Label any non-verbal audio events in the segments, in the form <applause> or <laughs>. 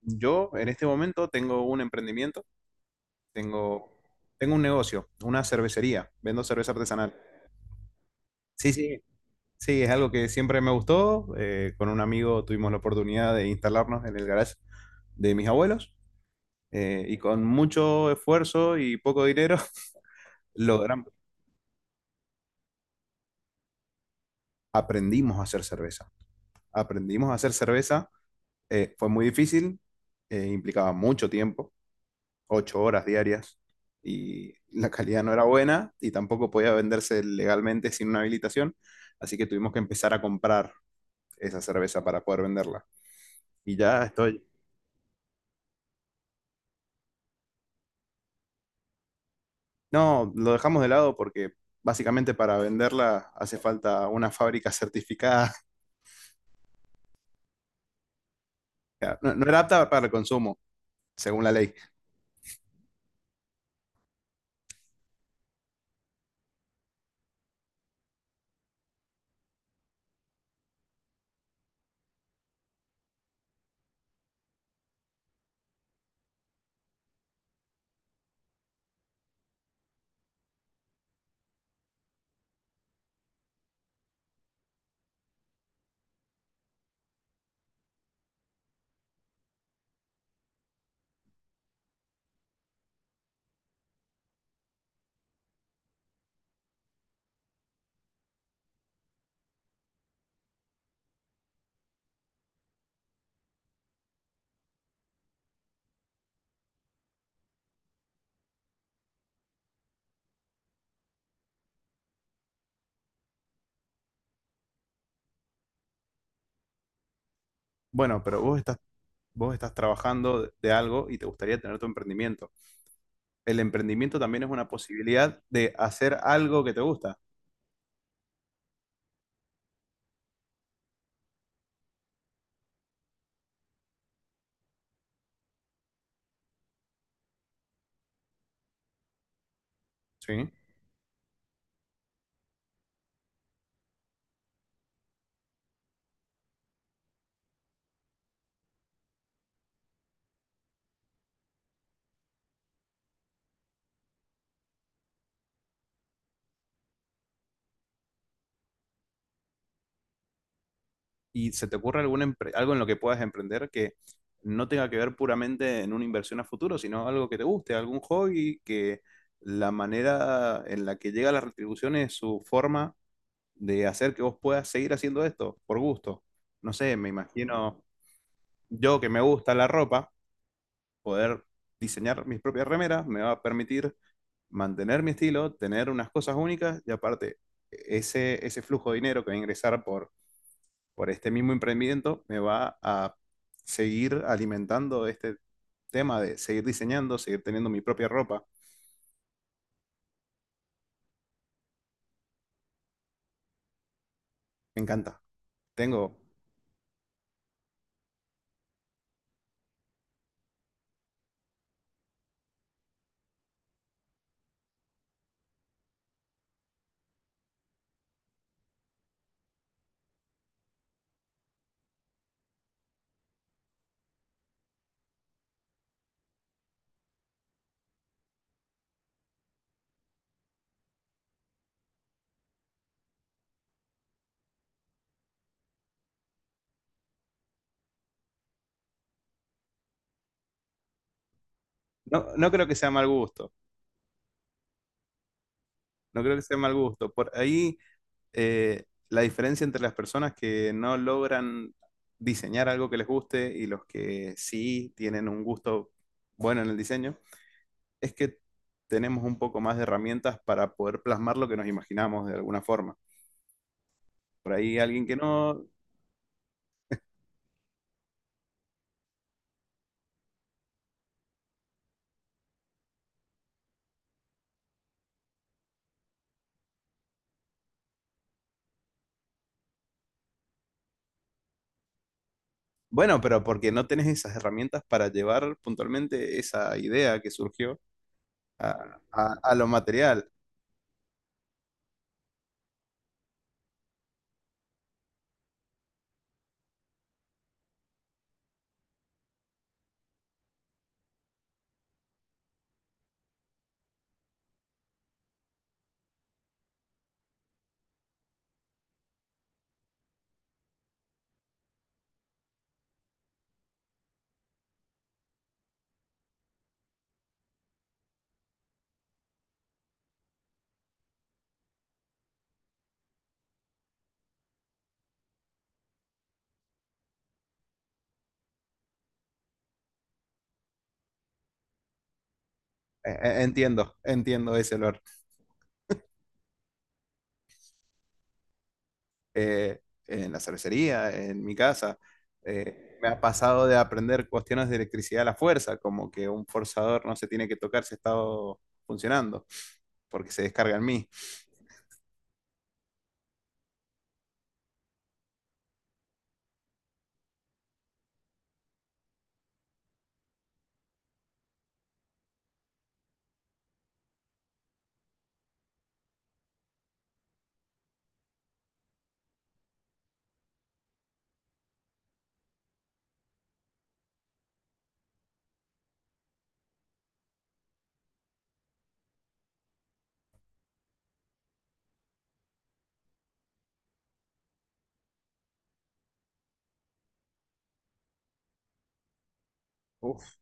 Yo en este momento tengo un emprendimiento, tengo, tengo un negocio, una cervecería, vendo cerveza artesanal. Sí, sí. Sí, es algo que siempre me gustó. Con un amigo tuvimos la oportunidad de instalarnos en el garage de mis abuelos, y con mucho esfuerzo y poco dinero <laughs> logramos, aprendimos a hacer cerveza. Aprendimos a hacer cerveza, fue muy difícil, implicaba mucho tiempo, 8 horas diarias, y la calidad no era buena y tampoco podía venderse legalmente sin una habilitación, así que tuvimos que empezar a comprar esa cerveza para poder venderla. Y ya estoy... No, lo dejamos de lado porque básicamente para venderla hace falta una fábrica certificada. <laughs> No, no era apta para el consumo, según la ley. Bueno, pero vos estás, vos estás trabajando de algo y te gustaría tener tu emprendimiento. El emprendimiento también es una posibilidad de hacer algo que te gusta, ¿sí? ¿Y se te ocurre algún algo en lo que puedas emprender que no tenga que ver puramente en una inversión a futuro, sino algo que te guste, algún hobby que la manera en la que llega la retribución es su forma de hacer que vos puedas seguir haciendo esto por gusto? No sé, me imagino yo que me gusta la ropa, poder diseñar mis propias remeras me va a permitir mantener mi estilo, tener unas cosas únicas y aparte ese, ese flujo de dinero que va a ingresar por este mismo emprendimiento me va a seguir alimentando este tema de seguir diseñando, seguir teniendo mi propia ropa. Me encanta. Tengo, no, no creo que sea mal gusto, no creo que sea mal gusto. Por ahí, la diferencia entre las personas que no logran diseñar algo que les guste y los que sí tienen un gusto bueno en el diseño es que tenemos un poco más de herramientas para poder plasmar lo que nos imaginamos de alguna forma. Por ahí alguien que no... Bueno, pero porque no tenés esas herramientas para llevar puntualmente esa idea que surgió a, a lo material. Entiendo, entiendo ese olor. Eh, en la cervecería, en mi casa, me ha pasado de aprender cuestiones de electricidad a la fuerza, como que un forzador no se tiene que tocar si está funcionando, porque se descarga en mí. Uf,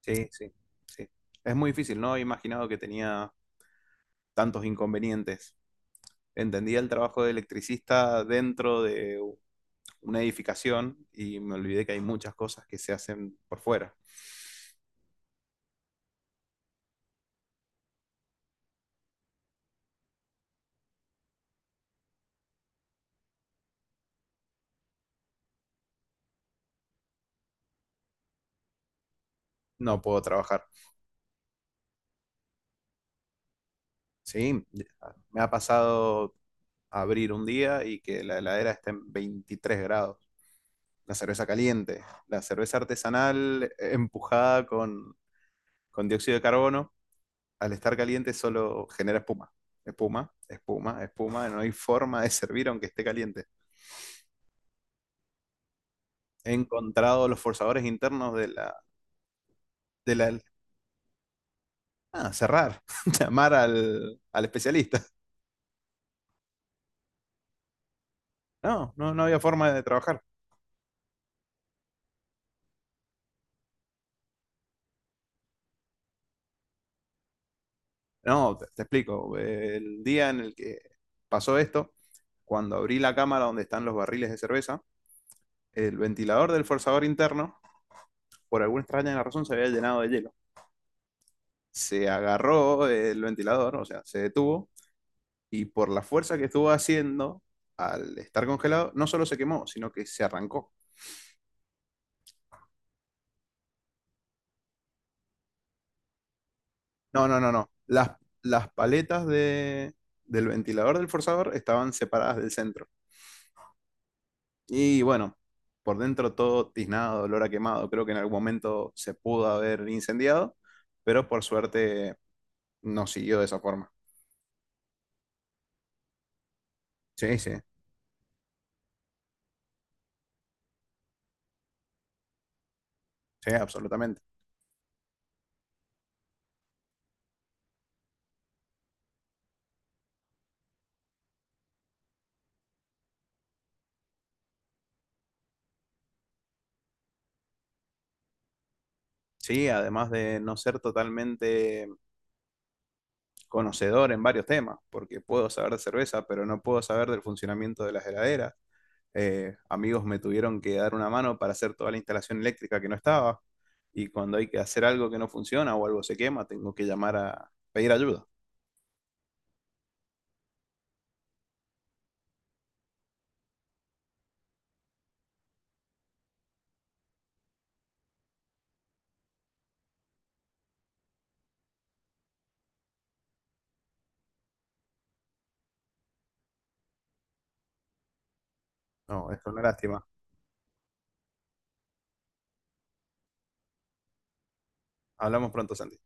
sí, sí, sí. Es muy difícil, no he imaginado que tenía tantos inconvenientes. Entendía el trabajo de electricista dentro de una edificación y me olvidé que hay muchas cosas que se hacen por fuera. No puedo trabajar. Sí, me ha pasado abrir un día y que la heladera esté en 23 grados. La cerveza caliente, la cerveza artesanal empujada con dióxido de carbono, al estar caliente solo genera espuma. Espuma, espuma, espuma, no hay forma de servir aunque esté caliente. He encontrado los forzadores internos de la... De la, ah, cerrar, <laughs> llamar al, al especialista. No, no, no había forma de trabajar. No, te explico. El día en el que pasó esto, cuando abrí la cámara donde están los barriles de cerveza, el ventilador del forzador interno, por alguna extraña razón, se había llenado de hielo. Se agarró el ventilador, o sea, se detuvo, y por la fuerza que estuvo haciendo, al estar congelado, no solo se quemó, sino que se arrancó. No, no, no, no. Las paletas de, del ventilador del forzador estaban separadas del centro. Y bueno, por dentro todo tiznado, olor a quemado. Creo que en algún momento se pudo haber incendiado, pero por suerte no siguió de esa forma. Sí, sí, sí, absolutamente. Sí, además de no ser totalmente conocedor en varios temas, porque puedo saber de cerveza, pero no puedo saber del funcionamiento de las heladeras. Amigos me tuvieron que dar una mano para hacer toda la instalación eléctrica que no estaba, y cuando hay que hacer algo que no funciona o algo se quema, tengo que llamar a pedir ayuda. No, es una lástima. Hablamos pronto, Santi.